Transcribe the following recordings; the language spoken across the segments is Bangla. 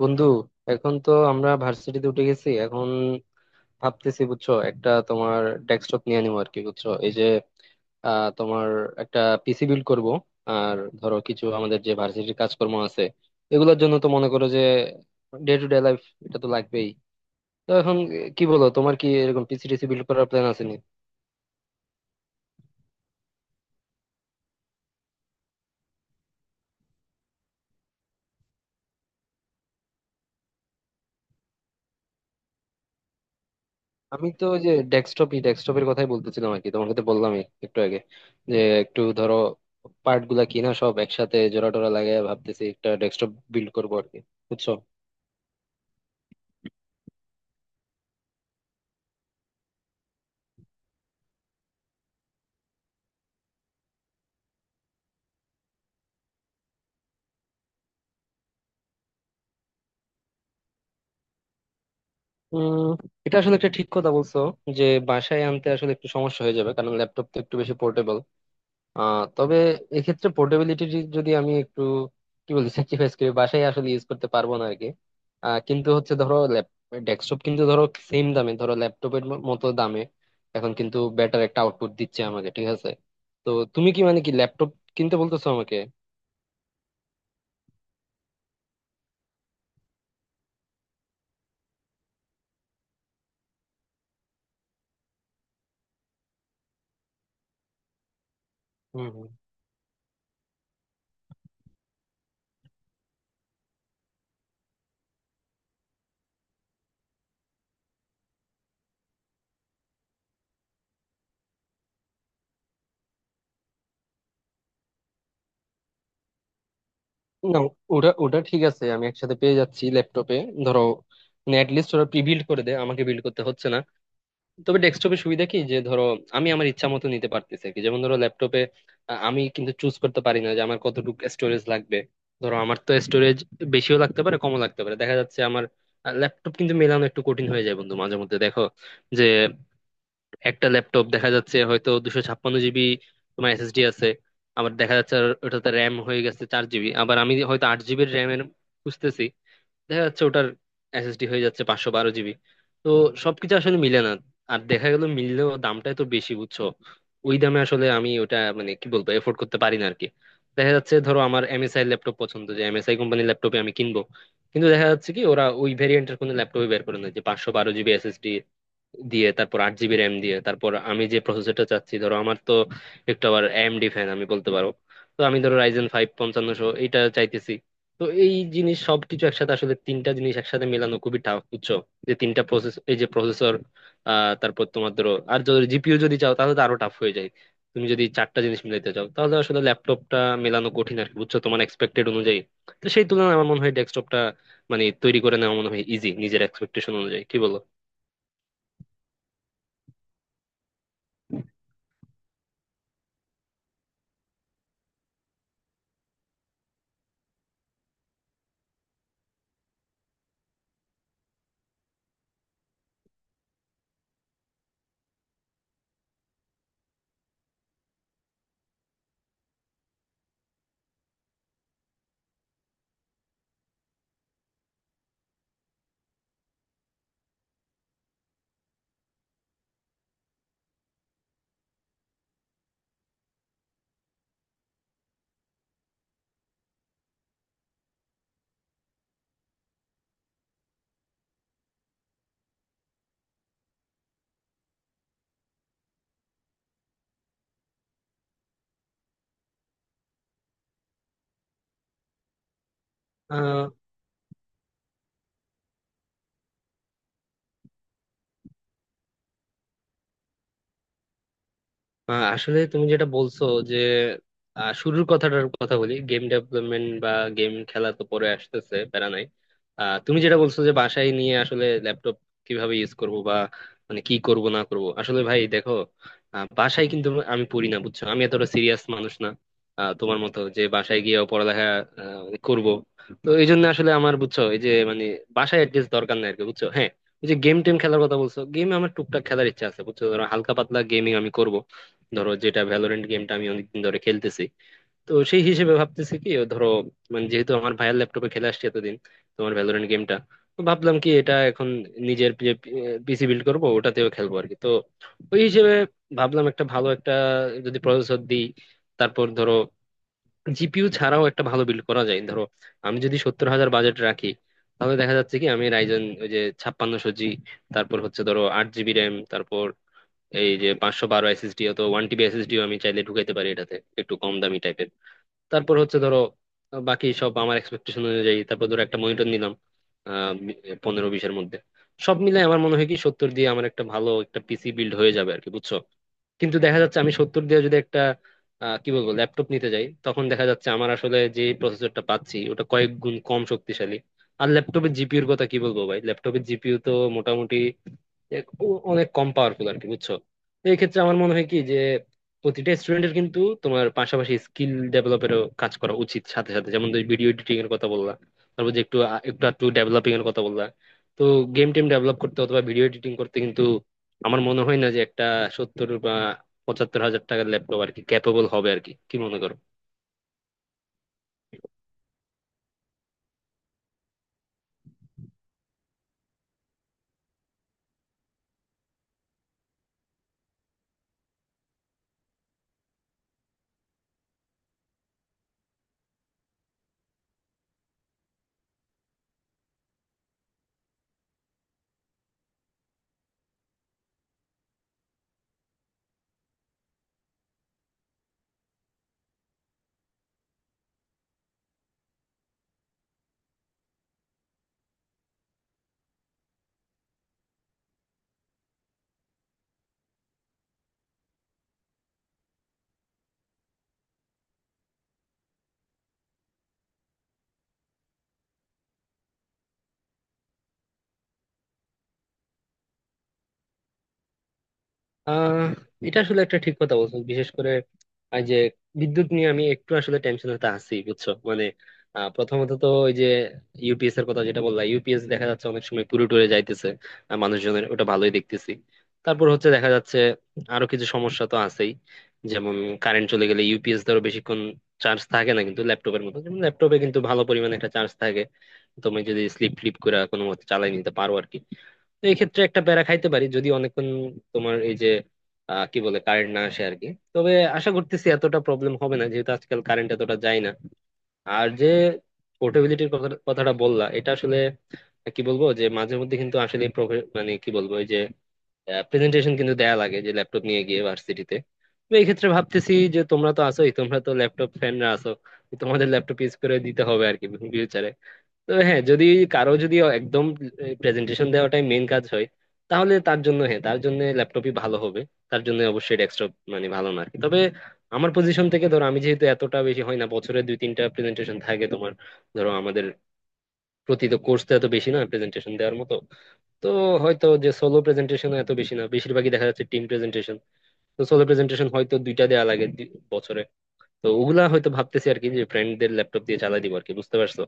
বন্ধু এখন তো আমরা ভার্সিটিতে উঠে গেছি এখন ভাবতেছি বুঝছো একটা তোমার ডেস্কটপ নিয়ে নিবো আর কি বুঝছো এই যে তোমার একটা পিসি বিল্ড করব। আর ধরো কিছু আমাদের যে ভার্সিটির কাজকর্ম আছে এগুলোর জন্য তো মনে করো যে ডে টু ডে লাইফ এটা তো লাগবেই। তো এখন কি বলো, তোমার কি এরকম পিসি টিসি বিল্ড করার প্ল্যান আছে? আমি তো ওই যে ডেস্কটপের কথাই বলতেছিলাম আর কি, তোমাকে তো বললামই একটু আগে যে একটু ধরো পার্ট গুলা কিনা সব একসাথে জোড়া টোরা লাগাই ভাবতেছি একটা ডেস্কটপ বিল্ড করবো আর কি বুঝছো। উম এটা আসলে একটা ঠিক কথা বলছো যে বাসায় আনতে আসলে একটু সমস্যা হয়ে যাবে, কারণ ল্যাপটপ তো একটু বেশি পোর্টেবল। আহ তবে এক্ষেত্রে পোর্টেবিলিটি যদি আমি একটু কি বলি, স্যাক্রিফাইস করি, বাসায় আসলে ইউজ করতে পারবো না আরকি। কিন্তু হচ্ছে ধরো ডেস্কটপ কিন্তু ধরো সেম দামে ধরো ল্যাপটপের মতো দামে এখন কিন্তু বেটার একটা আউটপুট দিচ্ছে আমাকে, ঠিক আছে? তো তুমি কি মানে কি ল্যাপটপ কিনতে বলতেছো আমাকে? হুম হুম। না, ওটা ওটা ঠিক আছে, আমি একসাথে পেয়ে যাচ্ছি ল্যাপটপে, ধরো নেট লিস্ট ওরা প্রি বিল্ড করে দেয়, আমাকে বিল্ড করতে হচ্ছে না। তবে ডেস্কটপের সুবিধা কি যে ধরো আমি আমার ইচ্ছা মতো নিতে পারতেছি আর কি। যেমন ধরো ল্যাপটপে আমি কিন্তু চুজ করতে পারি না যে আমার কতটুকু স্টোরেজ লাগবে। ধরো আমার তো স্টোরেজ বেশিও লাগতে পারে, কমও লাগতে পারে। দেখা যাচ্ছে আমার ল্যাপটপ কিন্তু মেলানো একটু কঠিন হয়ে যায় বন্ধু, মাঝে মধ্যে দেখো যে একটা ল্যাপটপ দেখা যাচ্ছে হয়তো 256 GB তোমার এসএসডি আছে, আবার দেখা যাচ্ছে আর ওটাতে র্যাম হয়ে গেছে 4 GB, আবার আমি হয়তো 8 GB র্যামের খুঁজতেছি, দেখা যাচ্ছে ওটার এসএসডি হয়ে যাচ্ছে 512 GB। তো সবকিছু আসলে মিলে না। আর দেখা গেল মিললেও দামটা তো বেশি বুঝছো, ওই দামে আসলে আমি ওটা মানে কি বলবো এফোর্ড করতে পারি না আরকি। দেখা যাচ্ছে ধরো আমার এমএসআই ল্যাপটপ পছন্দ, যে এমএসআই কোম্পানির ল্যাপটপে আমি কিনবো, কিন্তু দেখা যাচ্ছে কি ওরা ওই ভেরিয়েন্টের কোনো ল্যাপটপই বের করে না যে 512 GB SSD দিয়ে তারপর 8 GB RAM দিয়ে তারপর আমি যে প্রসেসরটা চাচ্ছি। ধরো আমার তো একটু আবার এএমডি ফ্যান আমি বলতে পারো। তো আমি ধরো রাইজেন ফাইভ 5500 এইটা চাইতেছি। তো এই জিনিস সবকিছু একসাথে আসলে তিনটা জিনিস একসাথে মেলানো খুবই টাফ বুঝছো, যে তিনটা প্রসেস এই যে প্রসেসর, আহ তারপর তোমার ধরো আর যদি জিপিইউ যদি চাও তাহলে তো আরো টাফ হয়ে যায়। তুমি যদি চারটা জিনিস মিলাইতে চাও তাহলে আসলে ল্যাপটপটা মেলানো কঠিন আর কি, বুঝছো, তোমার এক্সপেক্টেড অনুযায়ী। তো সেই তুলনায় আমার মনে হয় ডেস্কটপটা মানে তৈরি করে নেওয়া মনে হয় ইজি নিজের এক্সপেকটেশন অনুযায়ী, কি বলো? আসলে তুমি যেটা বলছো যে শুরুর কথাটার কথা বলি, গেম ডেভেলপমেন্ট বা গেম খেলা তো পরে আসতেছে, প্যারা নাই। তুমি যেটা বলছো যে বাসায় নিয়ে আসলে ল্যাপটপ কিভাবে ইউজ করব বা মানে কি করব না করব, আসলে ভাই দেখো, বাসায় কিন্তু আমি পড়ি না বুঝছো, আমি এতটা সিরিয়াস মানুষ না। তোমার মতো যে বাসায় গিয়েও পড়ালেখা করব। তো এই জন্য আসলে আমার বুঝছো এই যে মানে বাসায় অ্যাডজাস্ট দরকার নাই আর কি বুঝছো। হ্যাঁ, ওই যে গেম টেম খেলার কথা বলছো, গেম আমার টুকটাক খেলার ইচ্ছা আছে বুঝছো, ধরো হালকা পাতলা গেমিং আমি করব। ধরো যেটা ভ্যালোরেন্ট গেমটা আমি অনেকদিন ধরে খেলতেছি, তো সেই হিসেবে ভাবতেছি কি ও ধরো মানে যেহেতু আমার ভাইয়ের ল্যাপটপে খেলে আসছি এতদিন তোমার ভ্যালোরেন্ট গেমটা, তো ভাবলাম কি এটা এখন নিজের যে পিসি বিল্ড করবো ওটাতেও খেলবো আর কি। তো ওই হিসেবে ভাবলাম একটা ভালো একটা যদি প্রসেসর দিই তারপর ধরো জিপিইউ ছাড়াও একটা ভালো বিল্ড করা যায়। ধরো আমি যদি 70,000 বাজেট রাখি তাহলে দেখা যাচ্ছে কি আমি রাইজন ওই যে 5600 জি, তারপর হচ্ছে ধরো 8 GB RAM, তারপর এই যে 512 GB SSD অথবা 1 TB SSD আমি চাইলে ঢুকাইতে পারি এটাতে একটু কম দামি টাইপের, তারপর হচ্ছে ধরো বাকি সব আমার এক্সপেকটেশন অনুযায়ী, তারপর ধরো একটা মনিটর নিলাম আহ 15-20 মধ্যে, সব মিলে আমার মনে হয় কি 70,000 দিয়ে আমার একটা ভালো একটা পিসি বিল্ড হয়ে যাবে আর কি বুঝছো। কিন্তু দেখা যাচ্ছে আমি 70,000 দিয়ে যদি একটা কি বলবো ল্যাপটপ নিতে যাই তখন দেখা যাচ্ছে আমার আসলে যে প্রসেসরটা পাচ্ছি ওটা কয়েক গুণ কম শক্তিশালী। আর ল্যাপটপের জিপিইউর কথা কি বলবো ভাই, ল্যাপটপের জিপিইউ তো মোটামুটি অনেক কম পাওয়ারফুল আর কি বুঝছো। এই ক্ষেত্রে আমার মনে হয় কি যে প্রতিটা স্টুডেন্টের কিন্তু তোমার পাশাপাশি স্কিল ডেভেলপেরও কাজ করা উচিত সাথে সাথে, যেমন তুমি ভিডিও এডিটিং এর কথা বললা, তারপর যে একটু আ- একটু একটু ডেভেলপিং এর কথা বললা। তো গেম টেম ডেভেলপ করতে অথবা ভিডিও এডিটিং করতে কিন্তু আমার মনে হয় না যে একটা 70-75,000 টাকার ল্যাপটপ আর কি ক্যাপেবল হবে আর কি, কি মনে করো? আহ এটা আসলে একটা ঠিক কথা বলছো, বিশেষ করে এই যে বিদ্যুৎ নিয়ে আমি একটু আসলে টেনশনটা আছি বুঝছো মানে। প্রথমত তো ওই যে ইউপিএস এর কথা যেটা বললাম, ইউপিএস দেখা যাচ্ছে অনেক সময় পুরো টুরে যাইতেছে মানুষজনের, ওটা ভালোই দেখতেছি। তারপর হচ্ছে দেখা যাচ্ছে আরো কিছু সমস্যা তো আছেই, যেমন কারেন্ট চলে গেলে ইউপিএস ধরো বেশিক্ষণ চার্জ থাকে না, কিন্তু ল্যাপটপের মতো, যেমন ল্যাপটপে কিন্তু ভালো পরিমাণে একটা চার্জ থাকে, তুমি যদি স্লিপ ফ্লিপ করে কোনো মতে চালাই নিতে পারো আর কি। তো এই ক্ষেত্রে একটা প্যারা খাইতে পারি যদি অনেকক্ষণ তোমার এই যে কি বলে কারেন্ট না আসে আর কি। তবে আশা করতেছি এতটা প্রবলেম হবে না যেহেতু আজকাল কারেন্ট এতটা যায় না। আর যে পোর্টেবিলিটির কথাটা বললা, এটা আসলে কি বলবো, যে মাঝে মধ্যে কিন্তু আসলে মানে কি বলবো ওই যে প্রেজেন্টেশন কিন্তু দেয়া লাগে যে ল্যাপটপ নিয়ে গিয়ে ভার্সিটিতে। তো এই ক্ষেত্রে ভাবতেছি যে তোমরা তো আসোই, তোমরা তো ল্যাপটপ ফ্যানরা আছো, তো তোমাদের ল্যাপটপ ইউজ করে দিতে হবে আর কি ফিউচারে। তবে হ্যাঁ, যদি কারো যদি একদম প্রেজেন্টেশন দেওয়াটাই মেন কাজ হয়, তাহলে তার জন্য হ্যাঁ তার জন্য ল্যাপটপই ভালো হবে, তার জন্য অবশ্যই ডেস্কটপ মানে ভালো না আর কি। তবে আমার পজিশন থেকে ধরো আমি যেহেতু এতটা বেশি হয় না, বছরে দুই তিনটা প্রেজেন্টেশন থাকে তোমার, ধরো আমাদের প্রতি তো কোর্স তো এত বেশি না প্রেজেন্টেশন দেওয়ার মতো। তো হয়তো যে সোলো প্রেজেন্টেশন এত বেশি না, বেশিরভাগই দেখা যাচ্ছে টিম প্রেজেন্টেশন। তো সোলো প্রেজেন্টেশন হয়তো দুইটা দেওয়া লাগে বছরে। তো ওগুলা হয়তো ভাবতেছি আর কি যে ফ্রেন্ডদের ল্যাপটপ দিয়ে চালাই দিব আর কি, বুঝতে পারছো?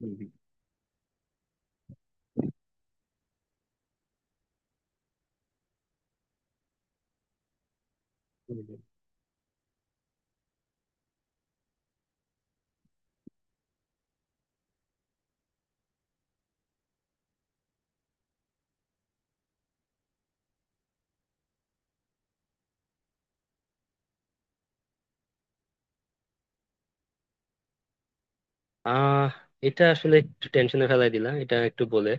হুম, হুম, হুম। আহ এটা আসলে একটু টেনশনে ফেলাই দিলা এটা একটু বলে।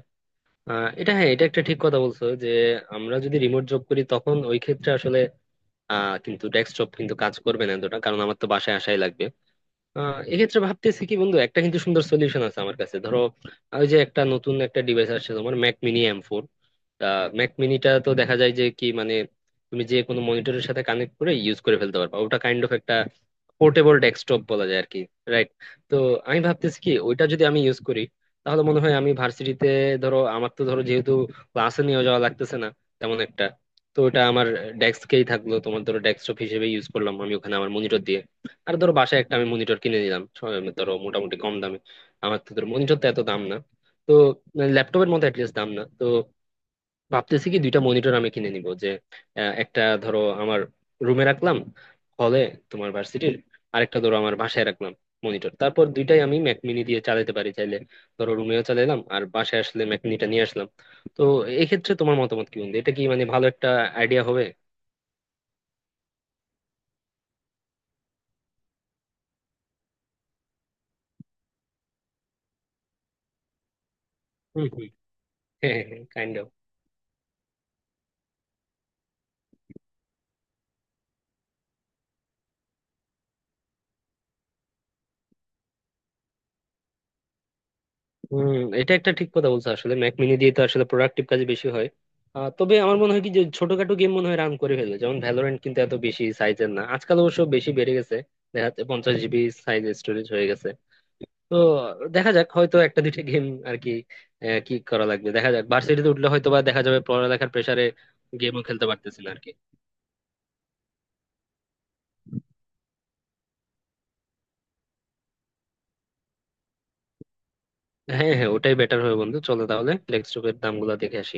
আহ এটা হ্যাঁ, এটা একটা ঠিক কথা বলছো যে আমরা যদি রিমোট জব করি তখন ওই ক্ষেত্রে আসলে আহ কিন্তু ডেস্ক জব কিন্তু কাজ করবে না এতটা, কারণ আমার তো বাসায় আসাই লাগবে। এক্ষেত্রে ভাবতেছি কি বন্ধু, একটা কিন্তু সুন্দর সলিউশন আছে আমার কাছে। ধরো ওই যে একটা নতুন একটা ডিভাইস আসছে তোমার ম্যাক মিনি M4। ম্যাক মিনিটা তো দেখা যায় যে কি মানে তুমি যে কোনো মনিটরের সাথে কানেক্ট করে ইউজ করে ফেলতে পারবা, ওটা কাইন্ড অফ একটা পোর্টেবল ডেস্কটপ বলা যায় আর কি, রাইট? তো আমি ভাবতেছি কি ওইটা যদি আমি ইউজ করি তাহলে মনে হয় আমি ভার্সিটিতে ধরো আমার তো ধরো যেহেতু ক্লাসে নিয়ে যাওয়া লাগতেছে না তেমন একটা, তো ওটা আমার ডেস্কেই থাকলো তোমার, ধরো ডেস্কটপ হিসেবে ইউজ করলাম আমি ওখানে আমার মনিটর দিয়ে। আর ধরো বাসায় একটা আমি মনিটর কিনে নিলাম ধরো মোটামুটি কম দামে, আমার তো ধরো মনিটর তো এত দাম না, তো ল্যাপটপের মতো অ্যাটলিস্ট দাম না। তো ভাবতেছি কি দুইটা মনিটর আমি কিনে নিব যে একটা ধরো আমার রুমে রাখলাম হলে তোমার ভার্সিটির, আরেকটা ধরো আমার বাসায় রাখলাম মনিটর, তারপর দুইটাই আমি ম্যাক মিনি দিয়ে চালাতে পারি চাইলে, ধরো রুমেও চালাইলাম আর বাসায় আসলে ম্যাক মিনিটা নিয়ে আসলাম। তো এক্ষেত্রে তোমার মতামত কি বন্ধু, এটা কি মানে ভালো একটা আইডিয়া হবে? হম হম হ্যাঁ, কাইন্ড। হম, এটা একটা ঠিক কথা বলছো, আসলে ম্যাক মিনি দিয়ে তো আসলে প্রোডাক্টিভ কাজে বেশি হয়। তবে আমার মনে হয় কি যে ছোটখাটো গেম মনে হয় রান করে ফেলে, যেমন ভ্যালোরেন্ট কিন্তু এত বেশি সাইজের না, আজকাল অবশ্য বেশি বেড়ে গেছে, দেখা যাচ্ছে 50 GB সাইজ স্টোরেজ হয়ে গেছে। তো দেখা যাক হয়তো একটা দুইটা গেম আর কি কি করা লাগবে দেখা যাক। ভার্সিটিতে উঠলে হয়তো বা দেখা যাবে পড়ালেখার প্রেসারে গেমও খেলতে পারতেছি না আর কি। হ্যাঁ হ্যাঁ ওটাই বেটার হবে বন্ধু, চলো তাহলে ডেস্কটপের দামগুলো দেখে আসি।